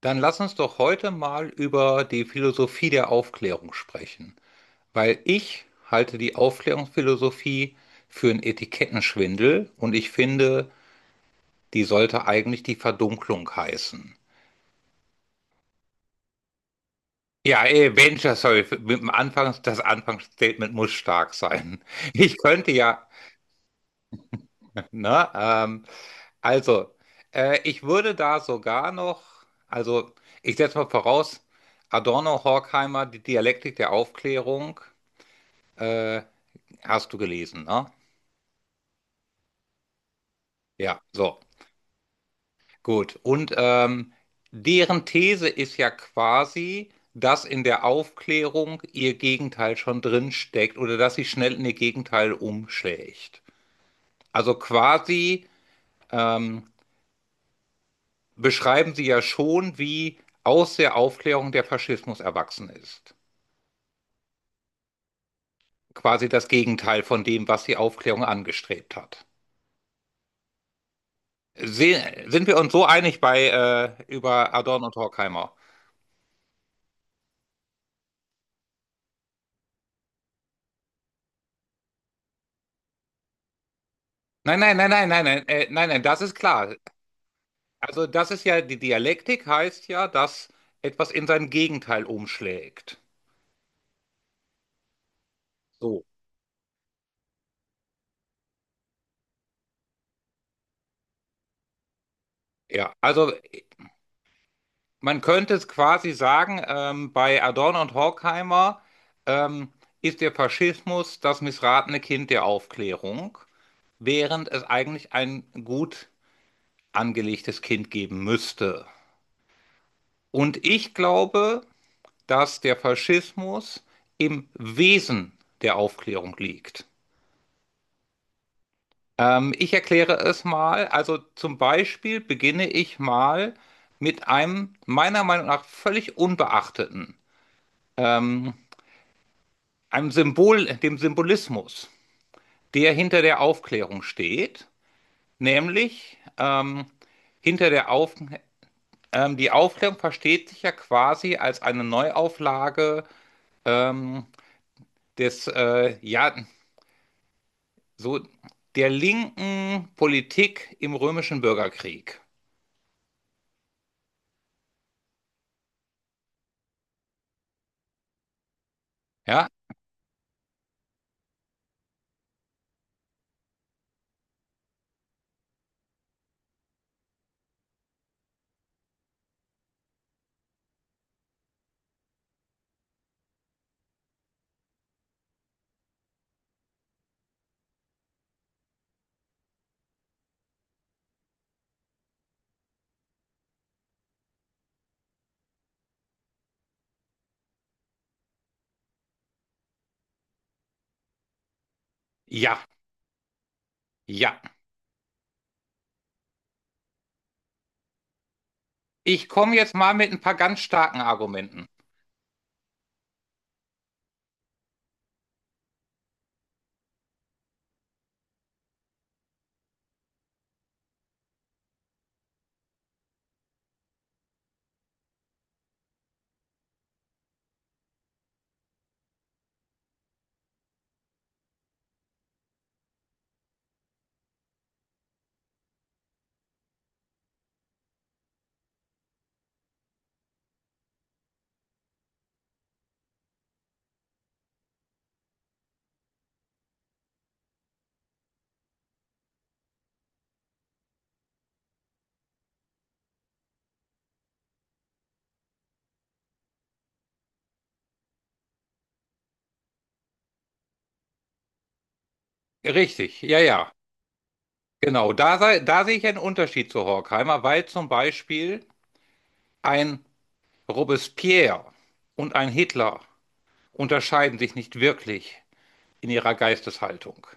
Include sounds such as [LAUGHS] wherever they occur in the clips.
Dann lass uns doch heute mal über die Philosophie der Aufklärung sprechen, weil ich halte die Aufklärungsphilosophie für einen Etikettenschwindel und ich finde, die sollte eigentlich die Verdunklung heißen. Ja, Mensch, das soll mit dem Anfangs, das Anfangsstatement muss stark sein. [LAUGHS] Ich könnte ja, ne, also, ich würde da sogar noch, also, ich setze mal voraus, Adorno, Horkheimer, die Dialektik der Aufklärung, äh, hast du gelesen, ne? Ja, so, gut. Und deren These ist ja quasi, dass in der Aufklärung ihr Gegenteil schon drin steckt oder dass sie schnell in ihr Gegenteil umschlägt. Also quasi ähm, beschreiben sie ja schon, wie aus der Aufklärung der Faschismus erwachsen ist. Quasi das Gegenteil von dem, was die Aufklärung angestrebt hat. Se sind wir uns so einig bei über Adorno und Horkheimer? Nein, nein, nein, nein, nein, nein, nein, nein, das ist klar. Also das ist ja, die Dialektik heißt ja, dass etwas in sein Gegenteil umschlägt. So. Ja, also man könnte es quasi sagen, bei Adorno und Horkheimer ähm, ist der Faschismus das missratene Kind der Aufklärung, während es eigentlich ein gut angelegtes Kind geben müsste. Und ich glaube, dass der Faschismus im Wesen der Aufklärung liegt. Ich erkläre es mal. Also zum Beispiel beginne ich mal mit einem meiner Meinung nach völlig unbeachteten, ähm, einem Symbol, dem Symbolismus, der hinter der Aufklärung steht. Nämlich hinter der Auf, die Aufklärung versteht sich ja quasi als eine Neuauflage ähm, des, ja, so der linken Politik im römischen Bürgerkrieg. Ja, ja, ja. Ich komme jetzt mal mit ein paar ganz starken Argumenten. Richtig, ja, ja, genau. Da, sei, da sehe ich einen Unterschied zu Horkheimer, weil zum Beispiel ein Robespierre und ein Hitler unterscheiden sich nicht wirklich in ihrer Geisteshaltung.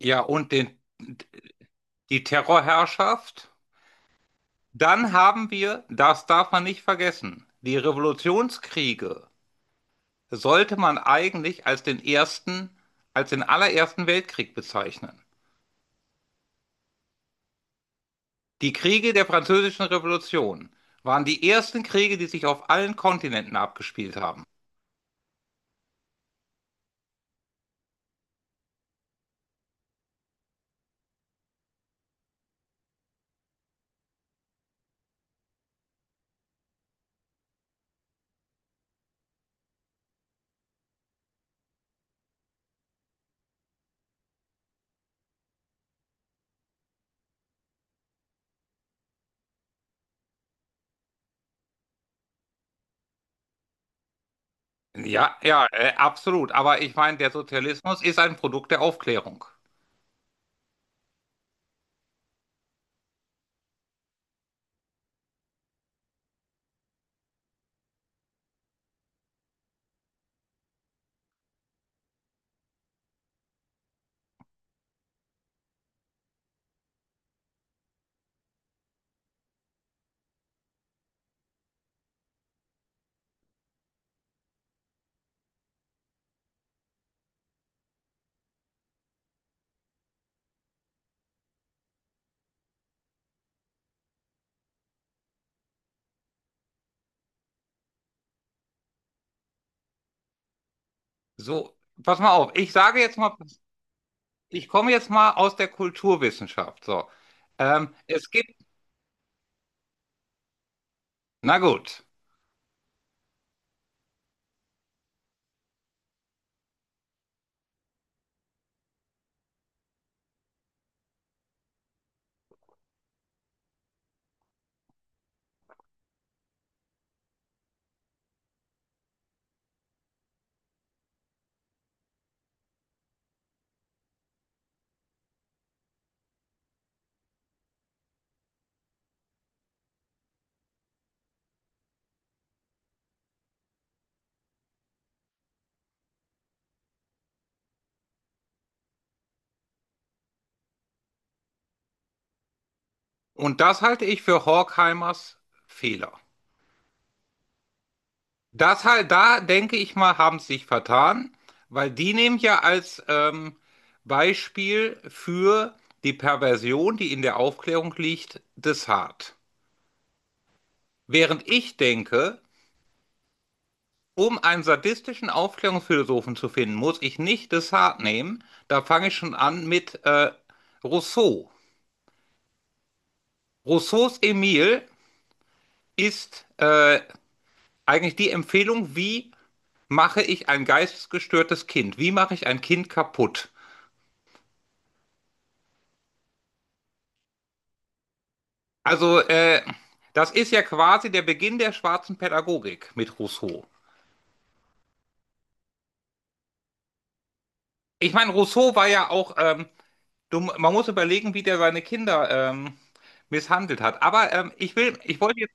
Ja, und den, die Terrorherrschaft, dann haben wir, das darf man nicht vergessen, die Revolutionskriege sollte man eigentlich als den ersten, als den allerersten Weltkrieg bezeichnen. Die Kriege der Französischen Revolution waren die ersten Kriege, die sich auf allen Kontinenten abgespielt haben. Ja, ja, absolut. Aber ich meine, der Sozialismus ist ein Produkt der Aufklärung. So, pass mal auf. Ich sage jetzt mal, ich komme jetzt mal aus der Kulturwissenschaft. So, es gibt, na gut. Und das halte ich für Horkheimers Fehler. Das halt, da denke ich mal, haben sie sich vertan, weil die nehmen ja als Beispiel für die Perversion, die in der Aufklärung liegt, Descartes. Während ich denke, um einen sadistischen Aufklärungsphilosophen zu finden, muss ich nicht Descartes nehmen. Da fange ich schon an mit Rousseau. Rousseaus Emile ist eigentlich die Empfehlung, wie mache ich ein geistesgestörtes Kind? Wie mache ich ein Kind kaputt? Also, äh, Das ist ja quasi der Beginn der schwarzen Pädagogik mit Rousseau. Ich meine, Rousseau war ja auch, dumm, man muss überlegen, wie der seine Kinder misshandelt hat. Aber ich will, ich wollte jetzt,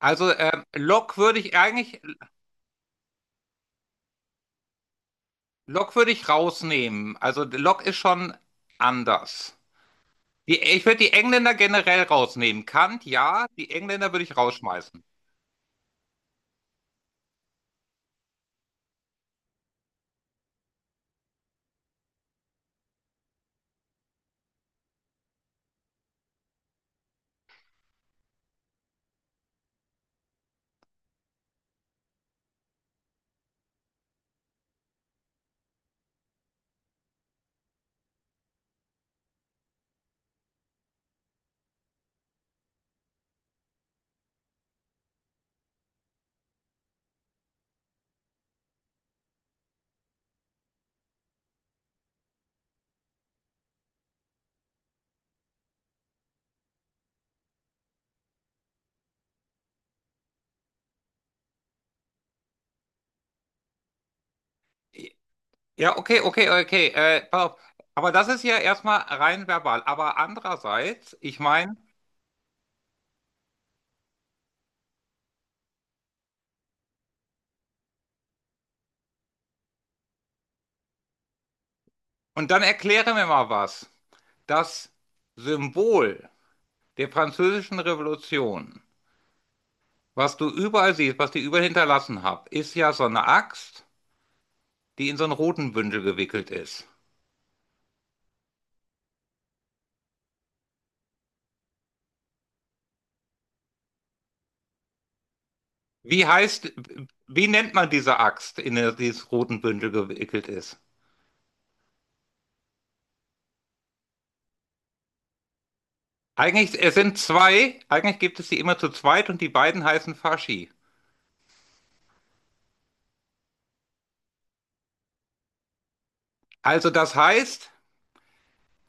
also Locke würde ich eigentlich, Locke würde ich rausnehmen. Also Locke ist schon anders. Die, ich würde die Engländer generell rausnehmen. Kant, ja, die Engländer würde ich rausschmeißen. Ja, okay, okay, okay. Pass auf. Aber das ist ja erstmal rein verbal. Aber andererseits, ich meine, und dann erkläre mir mal was. Das Symbol der Französischen Revolution, was du überall siehst, was die überall hinterlassen haben, ist ja so eine Axt, die in so einen roten Bündel gewickelt ist. Wie heißt, wie nennt man diese Axt, in der dieses roten Bündel gewickelt ist? Eigentlich, es sind zwei, eigentlich gibt es sie immer zu zweit und die beiden heißen Faschi. Also das heißt.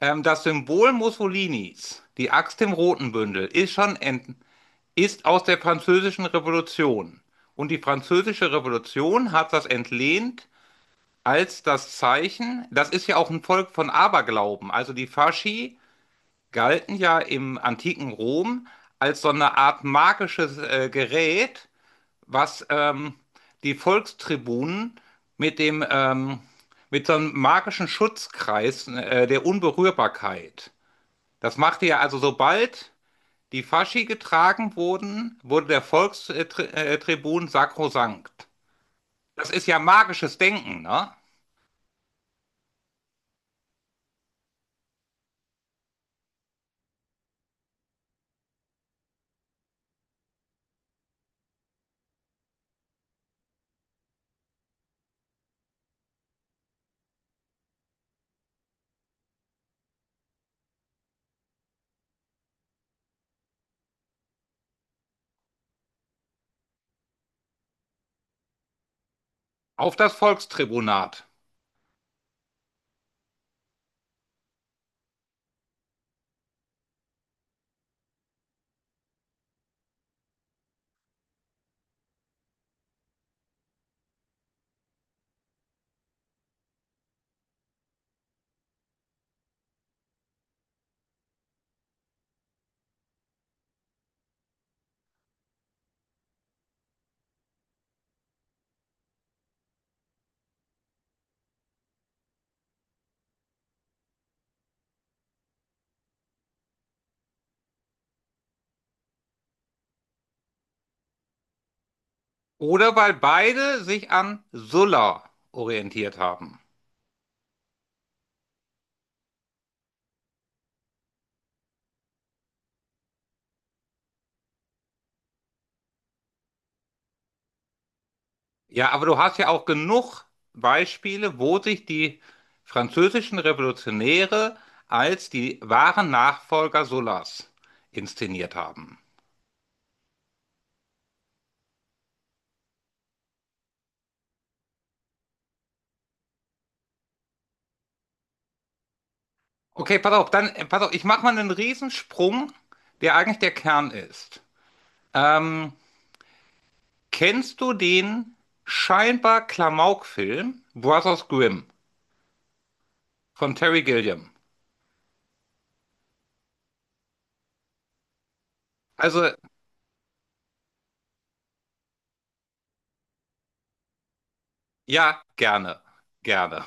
Das Symbol Mussolinis, die Axt im roten Bündel, ist schon ent ist aus der Französischen Revolution. Und die Französische Revolution hat das entlehnt als das Zeichen, das ist ja auch ein Volk von Aberglauben. Also die Fasci galten ja im antiken Rom als so eine Art magisches Gerät, was die Volkstribunen mit dem mit so einem magischen Schutzkreis der Unberührbarkeit das machte ja also sobald die Faschi getragen wurden, wurde der Volkstribun sakrosankt. Das ist ja magisches Denken, ne? Auf das Volkstribunat. Oder weil beide sich an Sulla orientiert haben. Ja, aber du hast ja auch genug Beispiele, wo sich die französischen Revolutionäre als die wahren Nachfolger Sullas inszeniert haben. Pass auf, ich mache mal einen Riesensprung, der eigentlich der Kern ist. Ähm, kennst du den scheinbar Klamauk-Film Brothers Grimm von Terry Gilliam? Also, ja, gerne, gerne.